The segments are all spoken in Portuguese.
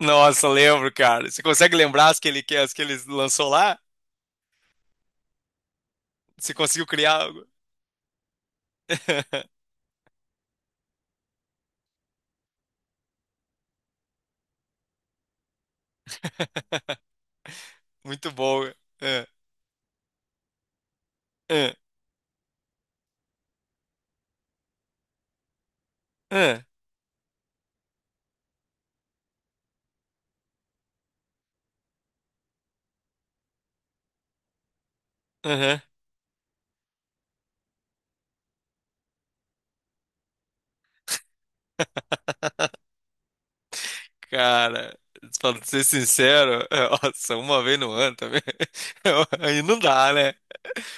Nossa, lembro, cara. Você consegue lembrar as que ele lançou lá? Você conseguiu criar algo? Muito bom. É, é, é, aham. Cara, pra ser sincero, é, nossa, uma vez no ano também. Aí não dá, né?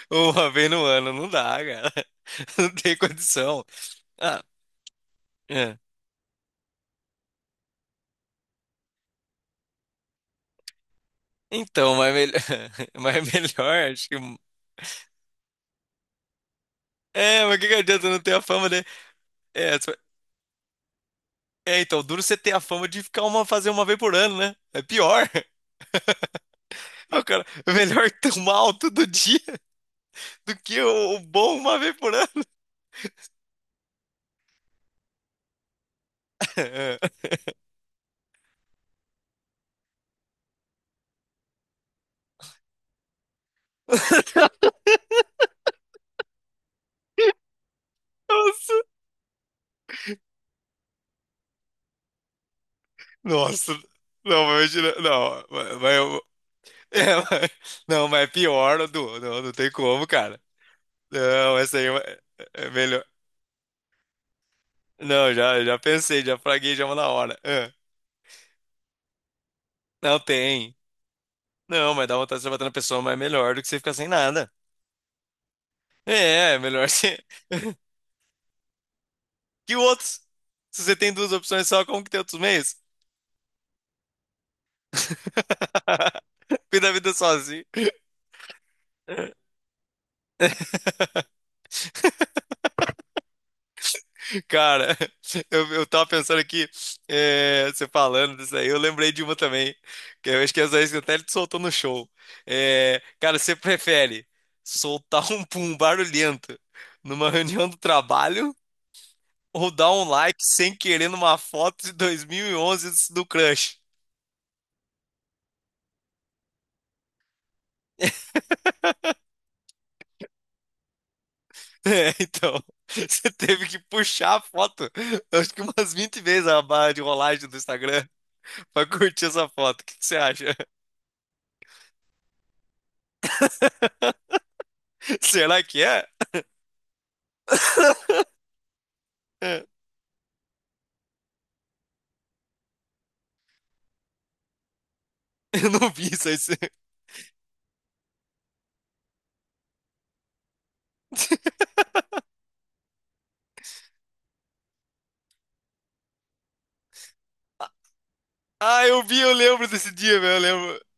Uma vez no ano não dá, cara. Não tem condição. Ah, é. Então, mas, melhor, mas melhor, acho que. É, mas o que que adianta não ter a fama de. É, É, então, duro você ter a fama de ficar uma, fazer uma vez por ano, né? É pior. O cara, é melhor ter mal todo dia do que o bom uma vez por ano. É. Nossa, nossa. Não, mas eu tiro- não, mas eu- é, mas- não, mas é pior, Du. Não, não tem como, cara. Não, essa aí é uma- é melhor. Não, já, já pensei, já fraguei já uma na hora. Ah, não tem. Não, mas dá vontade de você bater na pessoa, mas é melhor do que você ficar sem nada. É, é melhor você. Que outros? Se você tem duas opções só, como que tem outros meios? Cuida da vida sozinho. Cara, eu tava pensando aqui, é, você falando disso aí, eu lembrei de uma também, que eu acho que é essa aí você até soltou no show. É, cara, você prefere soltar um pum barulhento numa reunião do trabalho ou dar um like sem querer numa foto de 2011 do crush? É, então, você teve que puxar a foto, eu acho que umas 20 vezes a barra de rolagem do Instagram pra curtir essa foto. O que que você acha? Será que é? É, eu não vi isso aí. Você- Ah, eu vi, eu lembro desse dia, velho, eu lembro.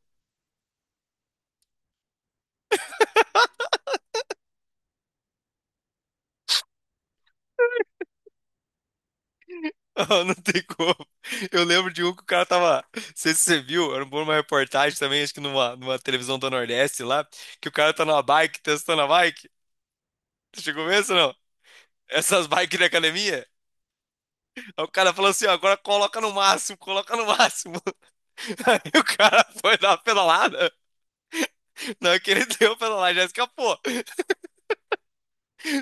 Ah, não tem como. Eu lembro de um que o cara tava. Não sei se você viu, era uma reportagem também, acho que numa, numa televisão do Nordeste lá, que o cara tá numa bike, testando a bike. Você chegou a ver isso ou não? Essas bikes de academia? Aí o cara falou assim, ó, agora coloca no máximo, coloca no máximo. Aí o cara foi dar uma pedalada. Na hora que ele deu a pedalada, já escapou.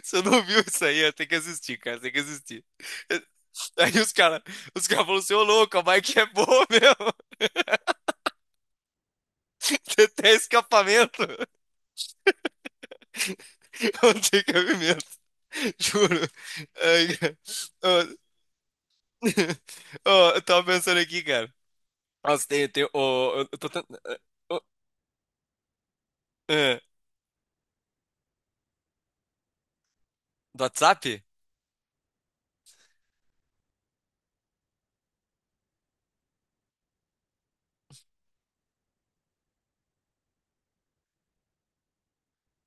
Você não viu isso aí? Tem que assistir, cara, tem que assistir. Aí os caras falaram assim, ô louco, a bike é boa mesmo. Tem até escapamento. Não tem cabimento. Juro. Ai, cara. Ó, ó, eu tava pensando aqui, cara. Nossa, tem, ó, eu tô tentando... ó, é, do WhatsApp?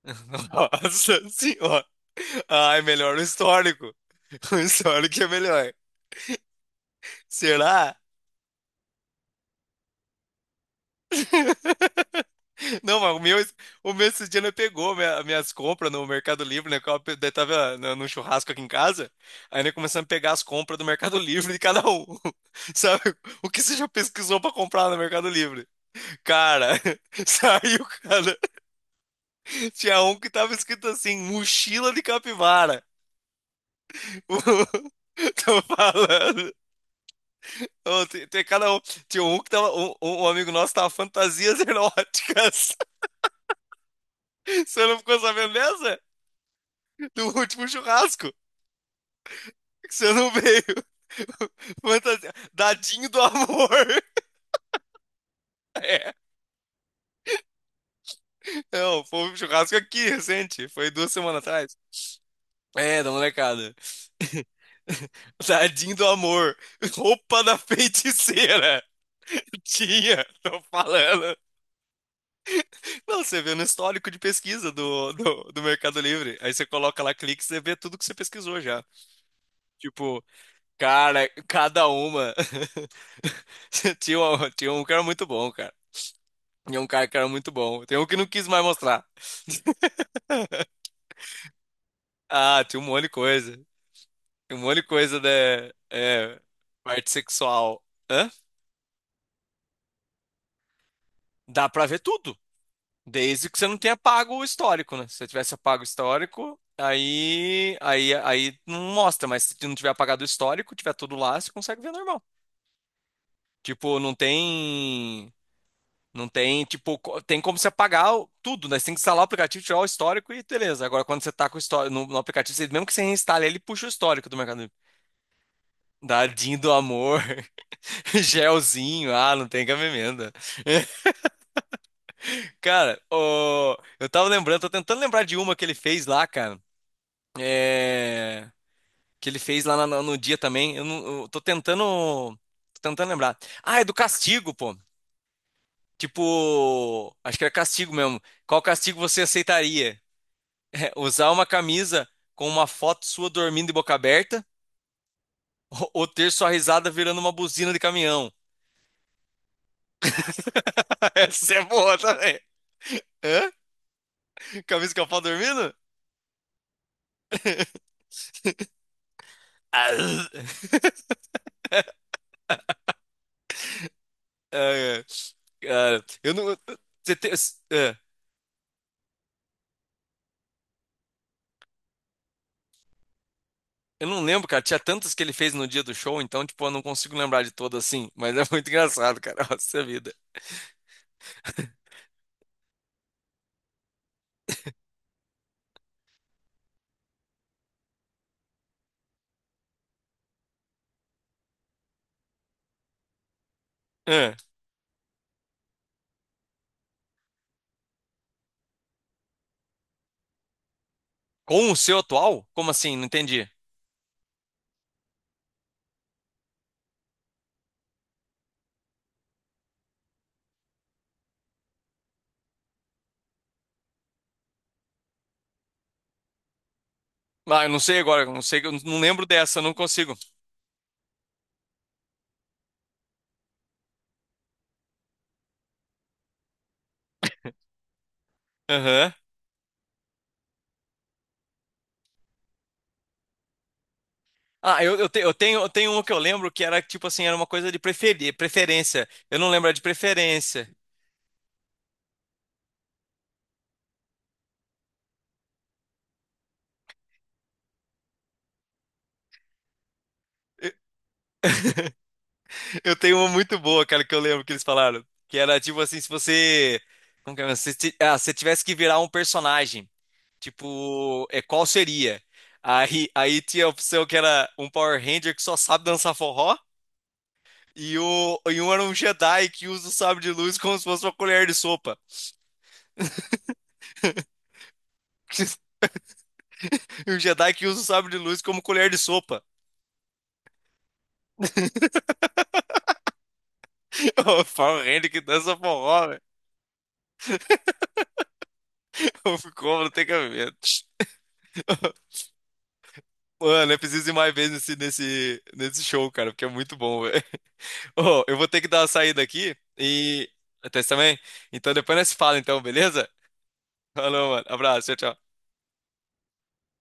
Nossa senhora. Ah, é melhor o histórico. O histórico é melhor. Será? Não, mas o meu esse dia não pegou minha- minhas compras no Mercado Livre, né? Que eu daí tava, né, num churrasco aqui em casa, aí nós começamos a pegar as compras do Mercado Livre de cada um. Sabe? O que você já pesquisou pra comprar no Mercado Livre? Cara, saiu, cara. Tinha um que tava escrito assim, mochila de capivara. Tô falando. Ô, tem cada um. Tinha um que tava. Um amigo nosso tava fantasias eróticas. Você não ficou sabendo dessa? Do último churrasco. Que você não veio. Fantasia. Dadinho do amor. É. Não, foi um churrasco aqui, recente. Foi duas semanas atrás. É, da molecada. Dadinho do amor. Roupa da feiticeira. Tinha, tô falando. Não, você vê no histórico de pesquisa do Mercado Livre. Aí você coloca lá clique, você vê tudo que você pesquisou já. Tipo, cara, cada uma. Tinha um que era muito bom, cara. Tinha um cara que era muito bom. Tem um que não quis mais mostrar. Ah, tinha um monte de coisa. Tem um monte de coisa da, é, parte sexual. Hã? Dá pra ver tudo. Desde que você não tenha pago o histórico, né? Se você tivesse apago o histórico, aí não mostra, mas se não tiver apagado o histórico, tiver tudo lá, você consegue ver normal. Tipo, não tem. Não tem, tipo, co- tem como você apagar o- tudo, né? Você tem que instalar o aplicativo, tirar o histórico e beleza. Agora, quando você tá com o histórico no, no aplicativo, você- mesmo que você reinstale, ele puxa o histórico do Mercado Livre. Dadinho do amor, gelzinho, ah, não tem cabimento. Cara, ô, eu tava lembrando, tô tentando lembrar de uma que ele fez lá, cara. É, que ele fez lá no dia também. Eu, não, eu tô tentando lembrar. Ah, é do castigo, pô. Tipo, acho que era castigo mesmo. Qual castigo você aceitaria? É, usar uma camisa com uma foto sua dormindo de boca aberta ou, ter sua risada virando uma buzina de caminhão? Essa é boa também. Hã? Camisa com a foto dormindo? Ah, é. Cara, eu não. Você tem. Eu não lembro, cara. Tinha tantas que ele fez no dia do show, então, tipo, eu não consigo lembrar de todas assim. Mas é muito engraçado, cara. Nossa vida. É. Com o seu atual? Como assim? Não entendi. Ah, eu não sei agora. Eu não sei, eu não lembro dessa, eu não consigo. Aham. Ah, eu tenho uma que eu lembro que era, tipo assim, era uma coisa de preferir, preferência. Eu não lembro a de preferência. Eu eu tenho uma muito boa, cara, que eu lembro que eles falaram. Que era, tipo assim, se você. Como que é? Se, ti- ah, se tivesse que virar um personagem. Tipo, é, qual seria? Aí, aí tinha a opção que era um Power Ranger que só sabe dançar forró e um era um Jedi que usa o sabre de luz como se fosse uma colher de sopa. E um Jedi que usa o sabre de luz como colher de sopa. O Power Ranger que dança forró, velho. Ficou, não tem cabimento. Mano, eu preciso ir mais vezes nesse show, cara, porque é muito bom, velho. Ô, eu vou ter que dar uma saída aqui e. Até você também? Então depois nós se fala, então, beleza? Falou, mano. Abraço, tchau, tchau.